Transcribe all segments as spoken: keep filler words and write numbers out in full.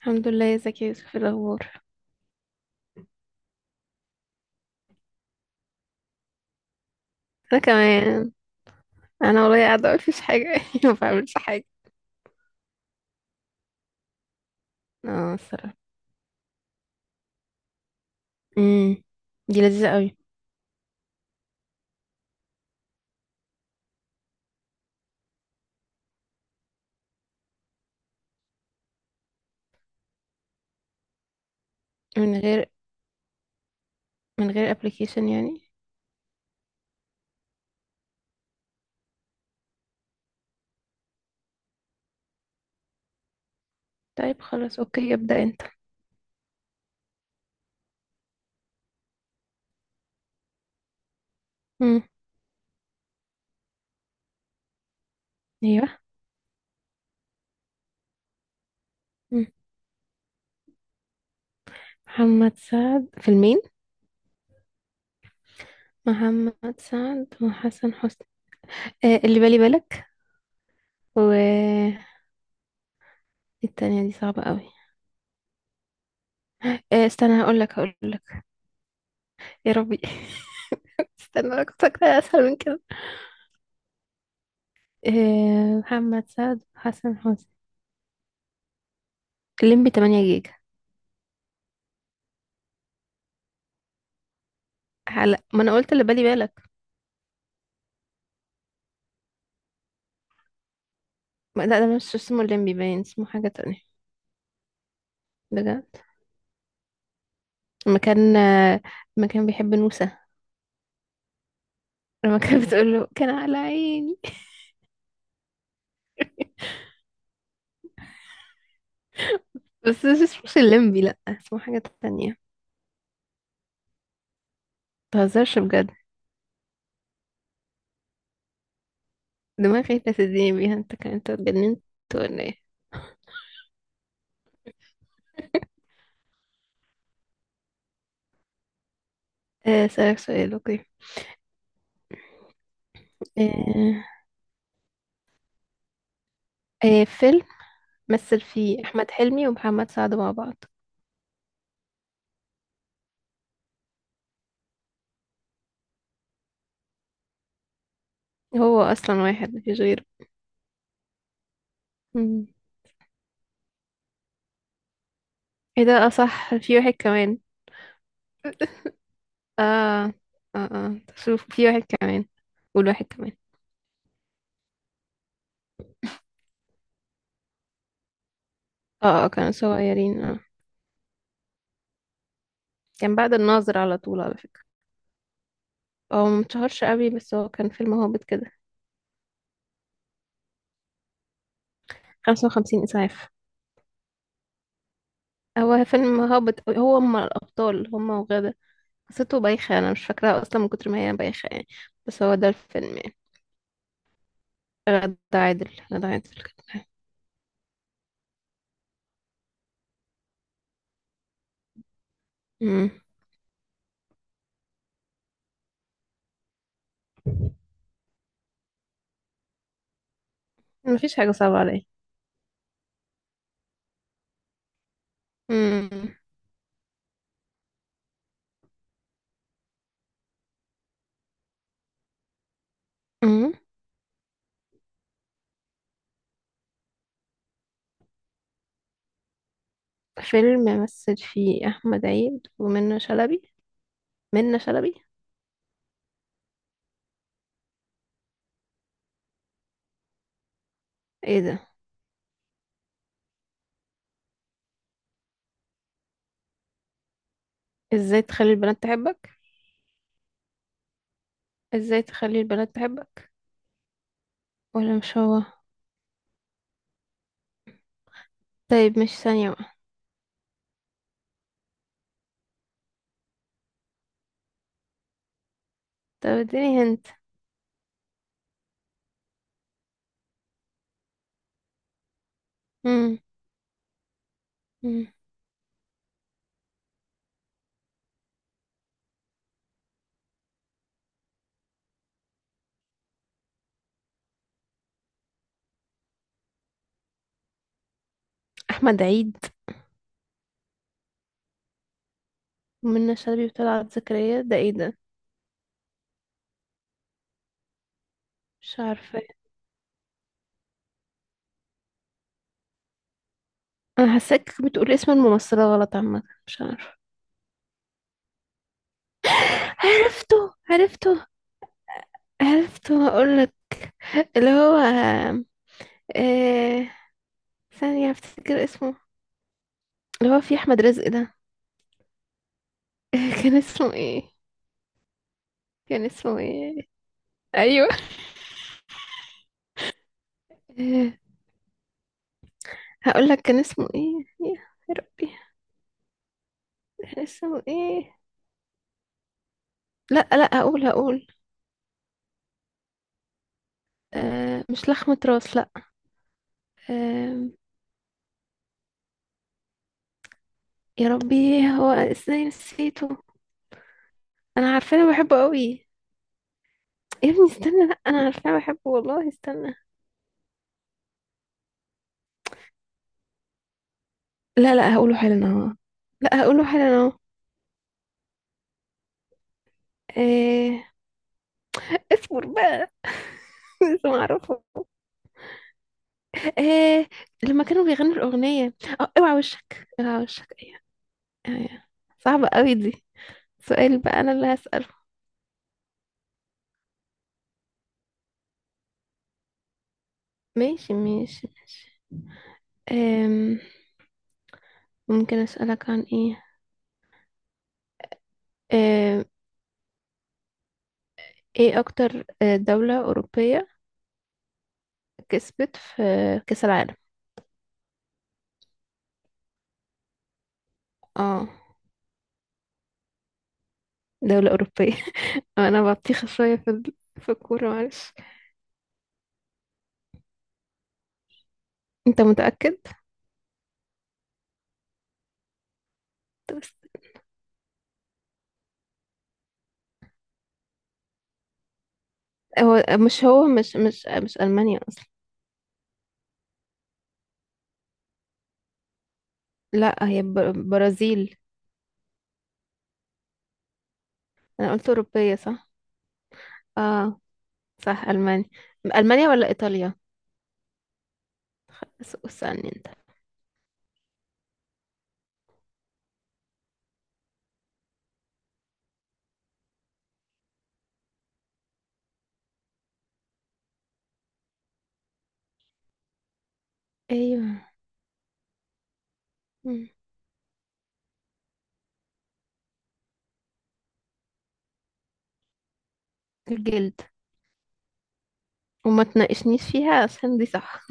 الحمد لله يا زكي يوسف، إيه الاخبار؟ انا كمان. انا والله قاعده اقول مفيش حاجه ما بعملش حاجه. اه الصراحه. امم، دي لذيذه قوي. من غير من غير ابلكيشن يعني. طيب خلاص اوكي، ابدا انت. امم. ايوه. مم. محمد سعد فيلمين. محمد سعد وحسن حسني. آه، اللي بالي بالك. و إيه؟ التانية دي صعبة قوي. آه استنى، هقول لك هقول لك. يا ربي. استنى، انا كنت فاكرة اسهل من كده. آه، محمد سعد وحسن حسني. الليمبي تمانية جيجا. هلا، ما انا قلت اللي بالي بالك. ما- لا، ده مش اسمه الليمبي، باين اسمه حاجة تانية. بجد؟ لما كان لما كان بيحب نوسة، لما كانت بتقول له كان على عيني. بس ده مش مش الليمبي، لا اسمه حاجة تانية. متهزرش بجد. دماغي لا تديني بيها، انت كان انت اتجننت ولا ايه؟ آه، اسألك سؤال اوكي. آه، آه، فيلم مثل فيه احمد حلمي ومحمد سعد مع بعض. هو اصلا واحد، مفيش غيره. مم. ايه ده؟ اصح في واحد كمان. اه اه اه شوف، في واحد كمان. والواحد كمان. اه اه كانوا صغيرين، اه. كان بعد الناظر على طول على فكرة. هو متشهرش قوي، بس هو كان فيلم هابط كده. خمسة وخمسين إسعاف. هو فيلم هابط أوي. هو هما الأبطال هما وغادة. قصته بايخة، أنا مش فاكراها أصلا من كتر ما هي بايخة يعني. بس هو ده الفيلم يعني. غادة عادل غادة عادل كانت معاه. مم. مفيش حاجة صعبة عليا. مم. مم. فيلم مثل فيه أحمد عيد ومنة شلبي. منة شلبي. ايه ده؟ ازاي تخلي البنات تحبك. ازاي تخلي البنات تحبك. ولا مش هو. طيب مش ثانية بقى. طب اديني هنت. مم. مم. احمد عيد ومنى شلبي وطلعت زكريا، ده ايه ده؟ مش عارفة. انا حاساك بتقول اسم الممثلة غلط، عامة مش عارفة. عرفته عرفته. عرفته، هقولك. اللي هو آه... ثانية افتكر اسمه. اللي هو في احمد رزق ده. كان اسمه ايه؟ كان اسمه ايه؟ ايوه. هقول لك كان اسمه ايه. يا يا ربي. كان اسمه ايه؟ لا لا، هقول هقول. آه، مش لخمة راس، لا. آه، يا ربي، هو ازاي نسيته؟ انا عارفة انا بحبه قوي. يا ابني استنى، لا انا عارفة انا بحبه والله، استنى. لا لا، هقوله حالا اهو. لا هقوله حالا اهو. آه. اصبر بقى لسه معرفه. آه، لما كانوا بيغنوا الأغنية. اه، اوعى وشك، اوعى وشك ايه. ايه. صعبة قوي دي. سؤال بقى انا اللي هسأل. ماشي ماشي ماشي. أم، ممكن أسألك عن إيه. أم، إيه أكتر آه، دولة أوروبية كسبت في كأس العالم؟ اه، دولة أوروبية. أنا بطيخة شوية في ال- في الكورة، معلش. أنت متأكد؟ هو مش هو مش مش مش ألمانيا أصلا. لا، هي بر- برازيل. أنا قلت أوروبية، صح؟ اه. صح ألمانيا. ألمانيا ولا إيطاليا؟ بس اسألني أنت. أيوه. مم. الجلد. وما تناقشنيش فيها عشان دي صح.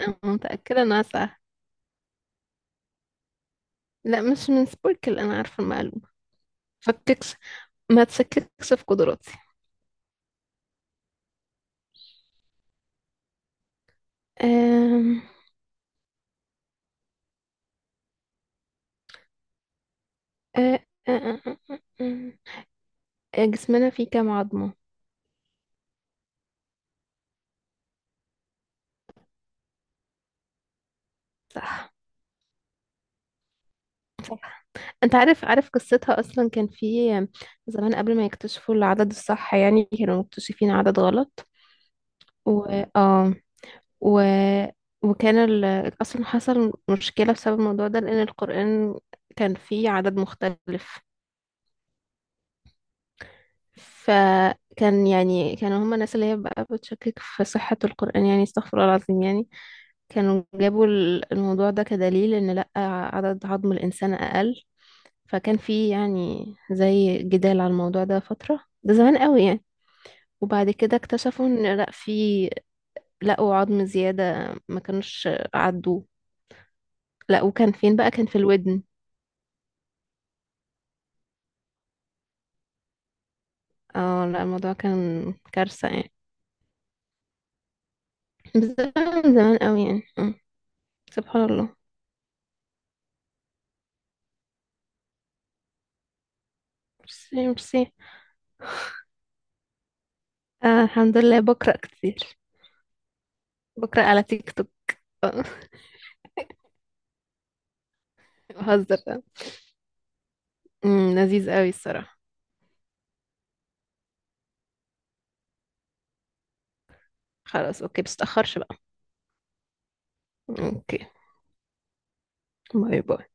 أنا متأكدة إنها سهلة. لا مش من سبوركل، أنا عارفة المعلومة. فككش، ما تشككش في قدراتي. أم... أه... أه... أه... أه... أه... أه، آه، جسمنا فيه كام عظمة؟ صح. صح. أنت عارف، عارف قصتها أصلا؟ كان في زمان قبل ما يكتشفوا العدد الصح يعني، كانوا مكتشفين عدد غلط. و اه. و... وكان ال... أصلا حصل مشكلة بسبب الموضوع ده لأن القرآن كان فيه عدد مختلف. فكان يعني كانوا هما الناس اللي هي بقى بتشكك في صحة القرآن يعني، استغفر الله العظيم يعني. كانوا جابوا ال- الموضوع ده كدليل ان لأ، عدد عظم الإنسان أقل. فكان في يعني زي جدال على الموضوع ده فترة، ده زمان قوي يعني. وبعد كده اكتشفوا ان لأ، في، لقوا عظم زيادة ما كانوش عدوه. لأ، وكان فين بقى؟ كان في الودن. اه. لأ الموضوع كان كارثة يعني. بس زمان زمان قوي يعني. آه. سبحان الله. ميرسي ميرسي. آه، الحمد لله، بقرأ كتير. بقرأ على تيك توك. بهزر. أمم، لذيذ قوي الصراحة. خلاص اوكي، بس تأخرش بقى. اوكي. باي باي.